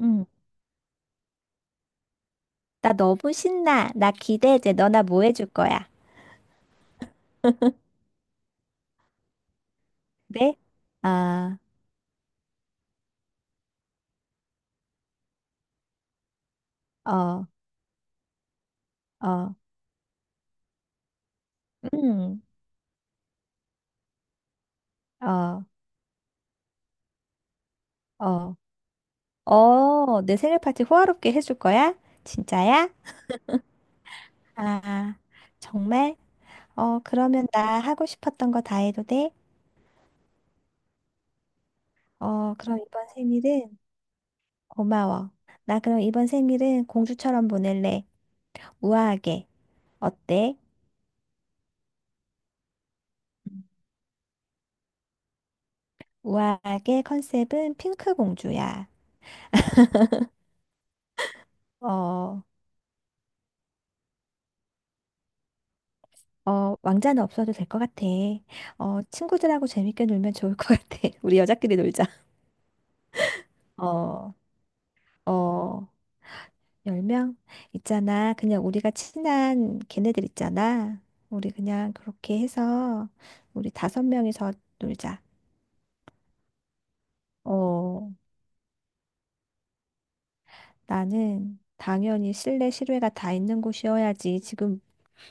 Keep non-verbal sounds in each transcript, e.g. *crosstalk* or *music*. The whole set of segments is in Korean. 응. 나 너무 신나. 나 기대해 너나 뭐 해줄 거야? *laughs* 네? 아, 어, 어, 음, 어, 어, 내 생일 파티 호화롭게 해줄 거야? 진짜야? 아, 정말? 그러면 나 하고 싶었던 거 다 해도 돼? 어, 그럼 이번 생일은 고마워. 나 그럼 이번 생일은 공주처럼 보낼래. 우아하게. 어때? 음. 우아하게 컨셉은 핑크 공주야. 어. 왕자는 없어도 될 것 같아. 친구들하고 재밌게 놀면 좋을 것 같아. *laughs* 우리 여자끼리 놀자. 어, 어, 10명 있잖아. 그냥 우리가 친한 걔네들 있잖아. 우리 그냥 그렇게 해서 우리 다섯 명이서 놀자. 어, 나는 당연히 실내 실외가 다 있는 곳이어야지. 지금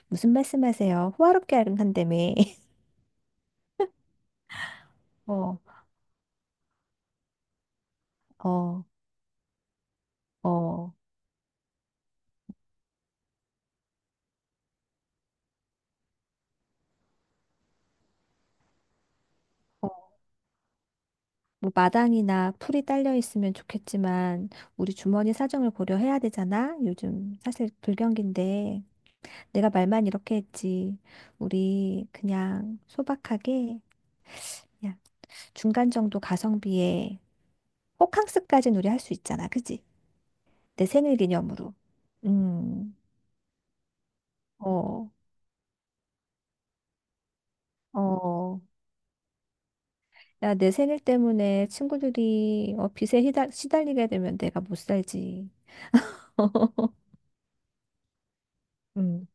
무슨 말씀하세요? 호화롭게 한다며. *laughs* 어, 어, 어. 어. 뭐 마당이나 풀이 딸려 있으면 좋겠지만 우리 주머니 사정을 고려해야 되잖아. 요즘 사실 불경기인데 내가 말만 이렇게 했지. 우리 그냥 소박하게 그냥 중간 정도 가성비에 호캉스까지는 우리 할 수 있잖아. 그지? 내 생일 기념으로. 음. 어. 어. 야, 내 생일 때문에 친구들이 빚에 시달리게 되면 내가 못 살지. *laughs* 음.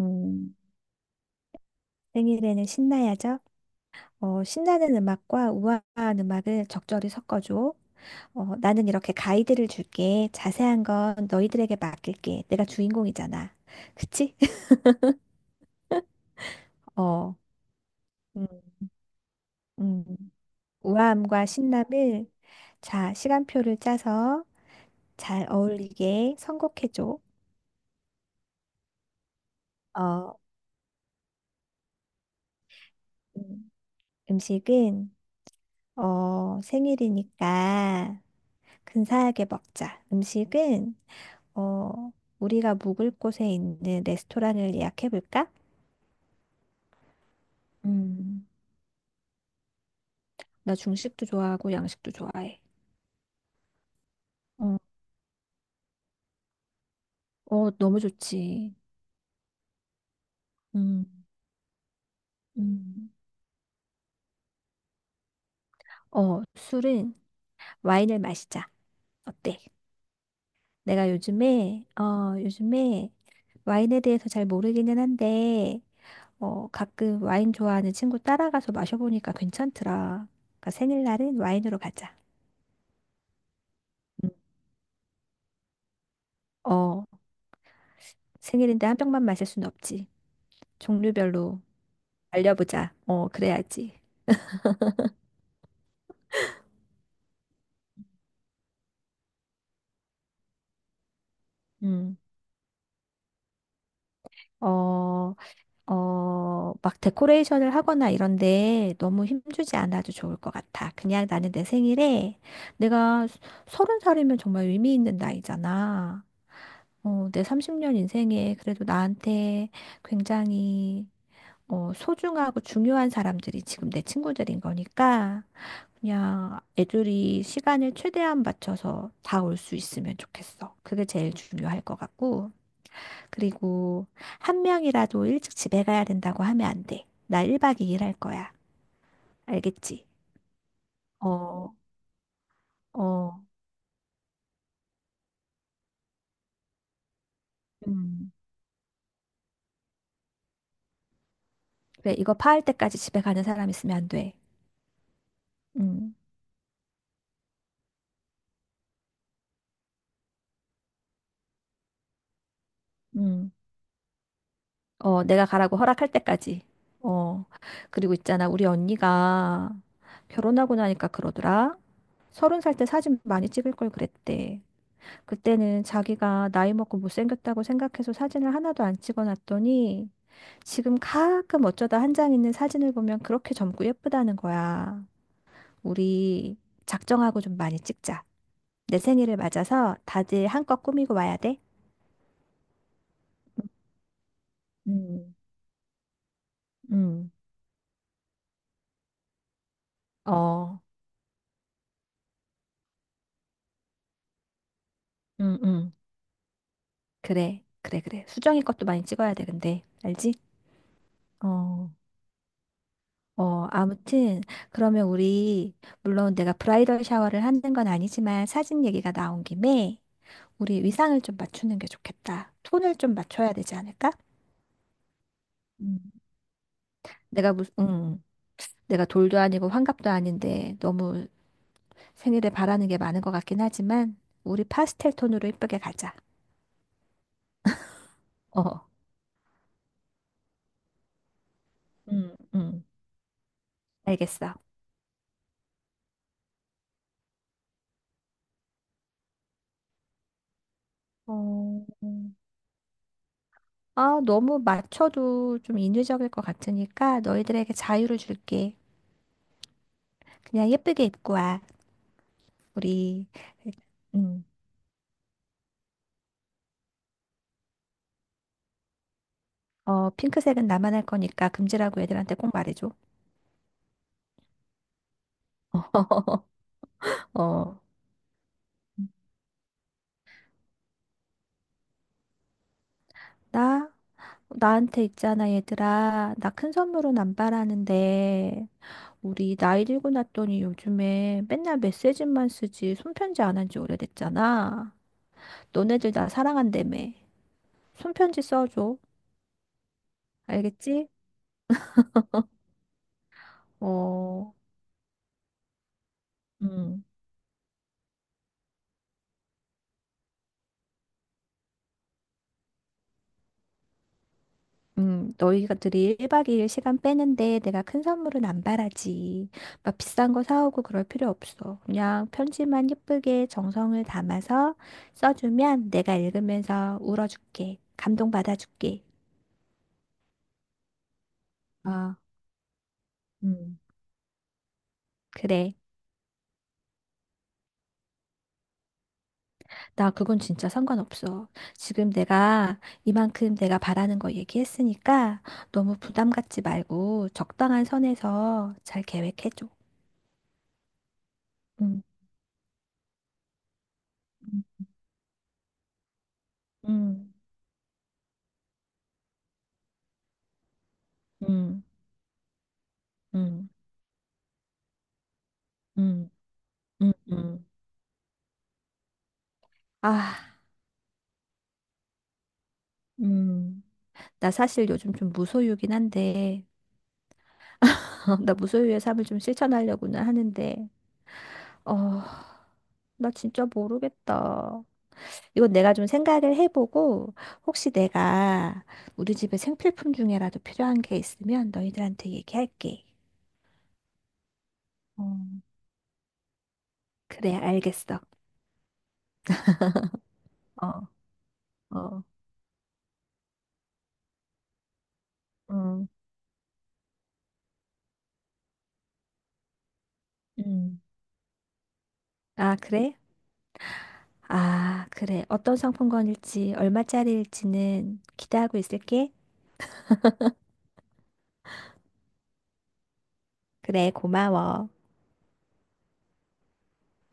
음. 생일에는 신나야죠. 신나는 음악과 우아한 음악을 적절히 섞어줘. 나는 이렇게 가이드를 줄게. 자세한 건 너희들에게 맡길게. 내가 주인공이잖아. 그치? *laughs* 어, 음, 음. 우아함과 신남을 자, 시간표를 짜서 잘 어울리게 선곡해줘. 어, 음, 음식은 생일이니까 근사하게 먹자. 음식은 어, 우리가 묵을 곳에 있는 레스토랑을 예약해볼까? 음, 나 중식도 좋아하고 양식도 좋아해. 어, 너무 좋지. 음. 음, 술은 와인을 마시자. 어때? 내가 요즘에 와인에 대해서 잘 모르기는 한데, 가끔 와인 좋아하는 친구 따라가서 마셔보니까 괜찮더라. 그러니까 생일날은 와인으로 가자. 음. 어, 생일인데 한 병만 마실 순 없지. 종류별로 알려보자. 그래야지. 음. 어, 막 데코레이션을 하거나 이런데 너무 힘주지 않아도 좋을 것 같아. 그냥 나는 내 생일에 내가 서른 살이면 정말 의미 있는 나이잖아. 내 30년 인생에 그래도 나한테 굉장히 소중하고 중요한 사람들이 지금 내 친구들인 거니까 그냥 애들이 시간을 최대한 맞춰서 다 올 수 있으면 좋겠어. 그게 제일 중요할 것 같고. 그리고 한 명이라도 일찍 집에 가야 된다고 하면 안 돼. 나 1박 2일 할 거야. 알겠지? 어, 어, 음. 그래, 이거 파할 때까지 집에 가는 사람 있으면 안 돼. 음, 음. 내가 가라고 허락할 때까지. 어. 그리고 있잖아, 우리 언니가 결혼하고 나니까 그러더라. 30살 때 사진 많이 찍을 걸 그랬대. 그때는 자기가 나이 먹고 못생겼다고 생각해서 사진을 하나도 안 찍어놨더니 지금 가끔 어쩌다 한 장 있는 사진을 보면 그렇게 젊고 예쁘다는 거야. 우리 작정하고 좀 많이 찍자. 내 생일을 맞아서 다들 한껏 꾸미고 와야 돼. 음, 음, 어, 음, 음. 그래, 그래, 그래. 수정이 것도 많이 찍어야 돼, 근데. 알지? 어, 아무튼, 그러면 우리, 물론 내가 브라이덜 샤워를 하는 건 아니지만 사진 얘기가 나온 김에 우리 의상을 좀 맞추는 게 좋겠다. 톤을 좀 맞춰야 되지 않을까? 음. 내가 무슨, 음, 내가 돌도 아니고 환갑도 아닌데 너무 생일에 바라는 게 많은 것 같긴 하지만 우리 파스텔 톤으로 이쁘게 가자. 어, 음, 음, 알겠어. 어, 너무 맞춰도 좀 인위적일 것 같으니까 너희들에게 자유를 줄게. 그냥 예쁘게 입고 와. 우리, 음, 핑크색은 나만 할 거니까 금지라고 애들한테 꼭 말해줘. *laughs* 어, 나? 나한테 있잖아, 얘들아. 나 큰 선물은 안 바라는데, 우리 나이 들고 났더니 요즘에 맨날 메시지만 쓰지 손편지 안 한지 오래됐잖아. 너네들 나 사랑한다며. 손편지 써줘. 알겠지? 어, 음. 너희들이 1박 2일 시간 빼는데 내가 큰 선물은 안 바라지. 막 비싼 거 사오고 그럴 필요 없어. 그냥 편지만 예쁘게 정성을 담아서 써주면 내가 읽으면서 울어줄게. 감동받아줄게. 아, 음, 그래. 나 그건 진짜 상관없어. 지금 내가 이만큼 내가 바라는 거 얘기했으니까 너무 부담 갖지 말고 적당한 선에서 잘 계획해줘. 음, 음, 음, 음, 음. 음. 음, 음. 아, 음. 나 사실 요즘 좀 무소유긴 한데, *laughs* 나 무소유의 삶을 좀 실천하려고는 하는데, 어, 나 진짜 모르겠다. 이건 내가 좀 생각을 해보고, 혹시 내가 우리 집에 생필품 중에라도 필요한 게 있으면 너희들한테 얘기할게. 어, 그래, 알겠어. 어, 어, 음, 음. 아, 그래? 아, 그래. 어떤 상품권일지, 얼마짜리일지는 기대하고 있을게. 그래, 고마워.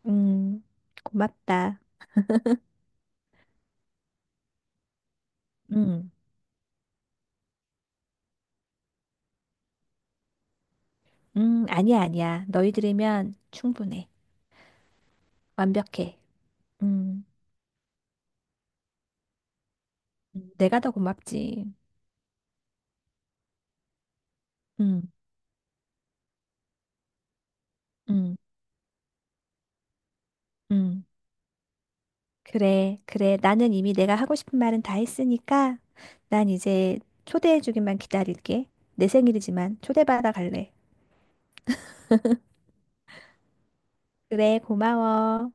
음, 고맙다. 음, 아니야, 아니야. 너희들이면 충분해. 완벽해. 음, 내가 더 고맙지. 음, 음, 음. 그래, 그래. 나는 이미 내가 하고 싶은 말은 다 했으니까 난 이제 초대해주기만 기다릴게. 내 생일이지만 초대받아 갈래. 그래, 고마워.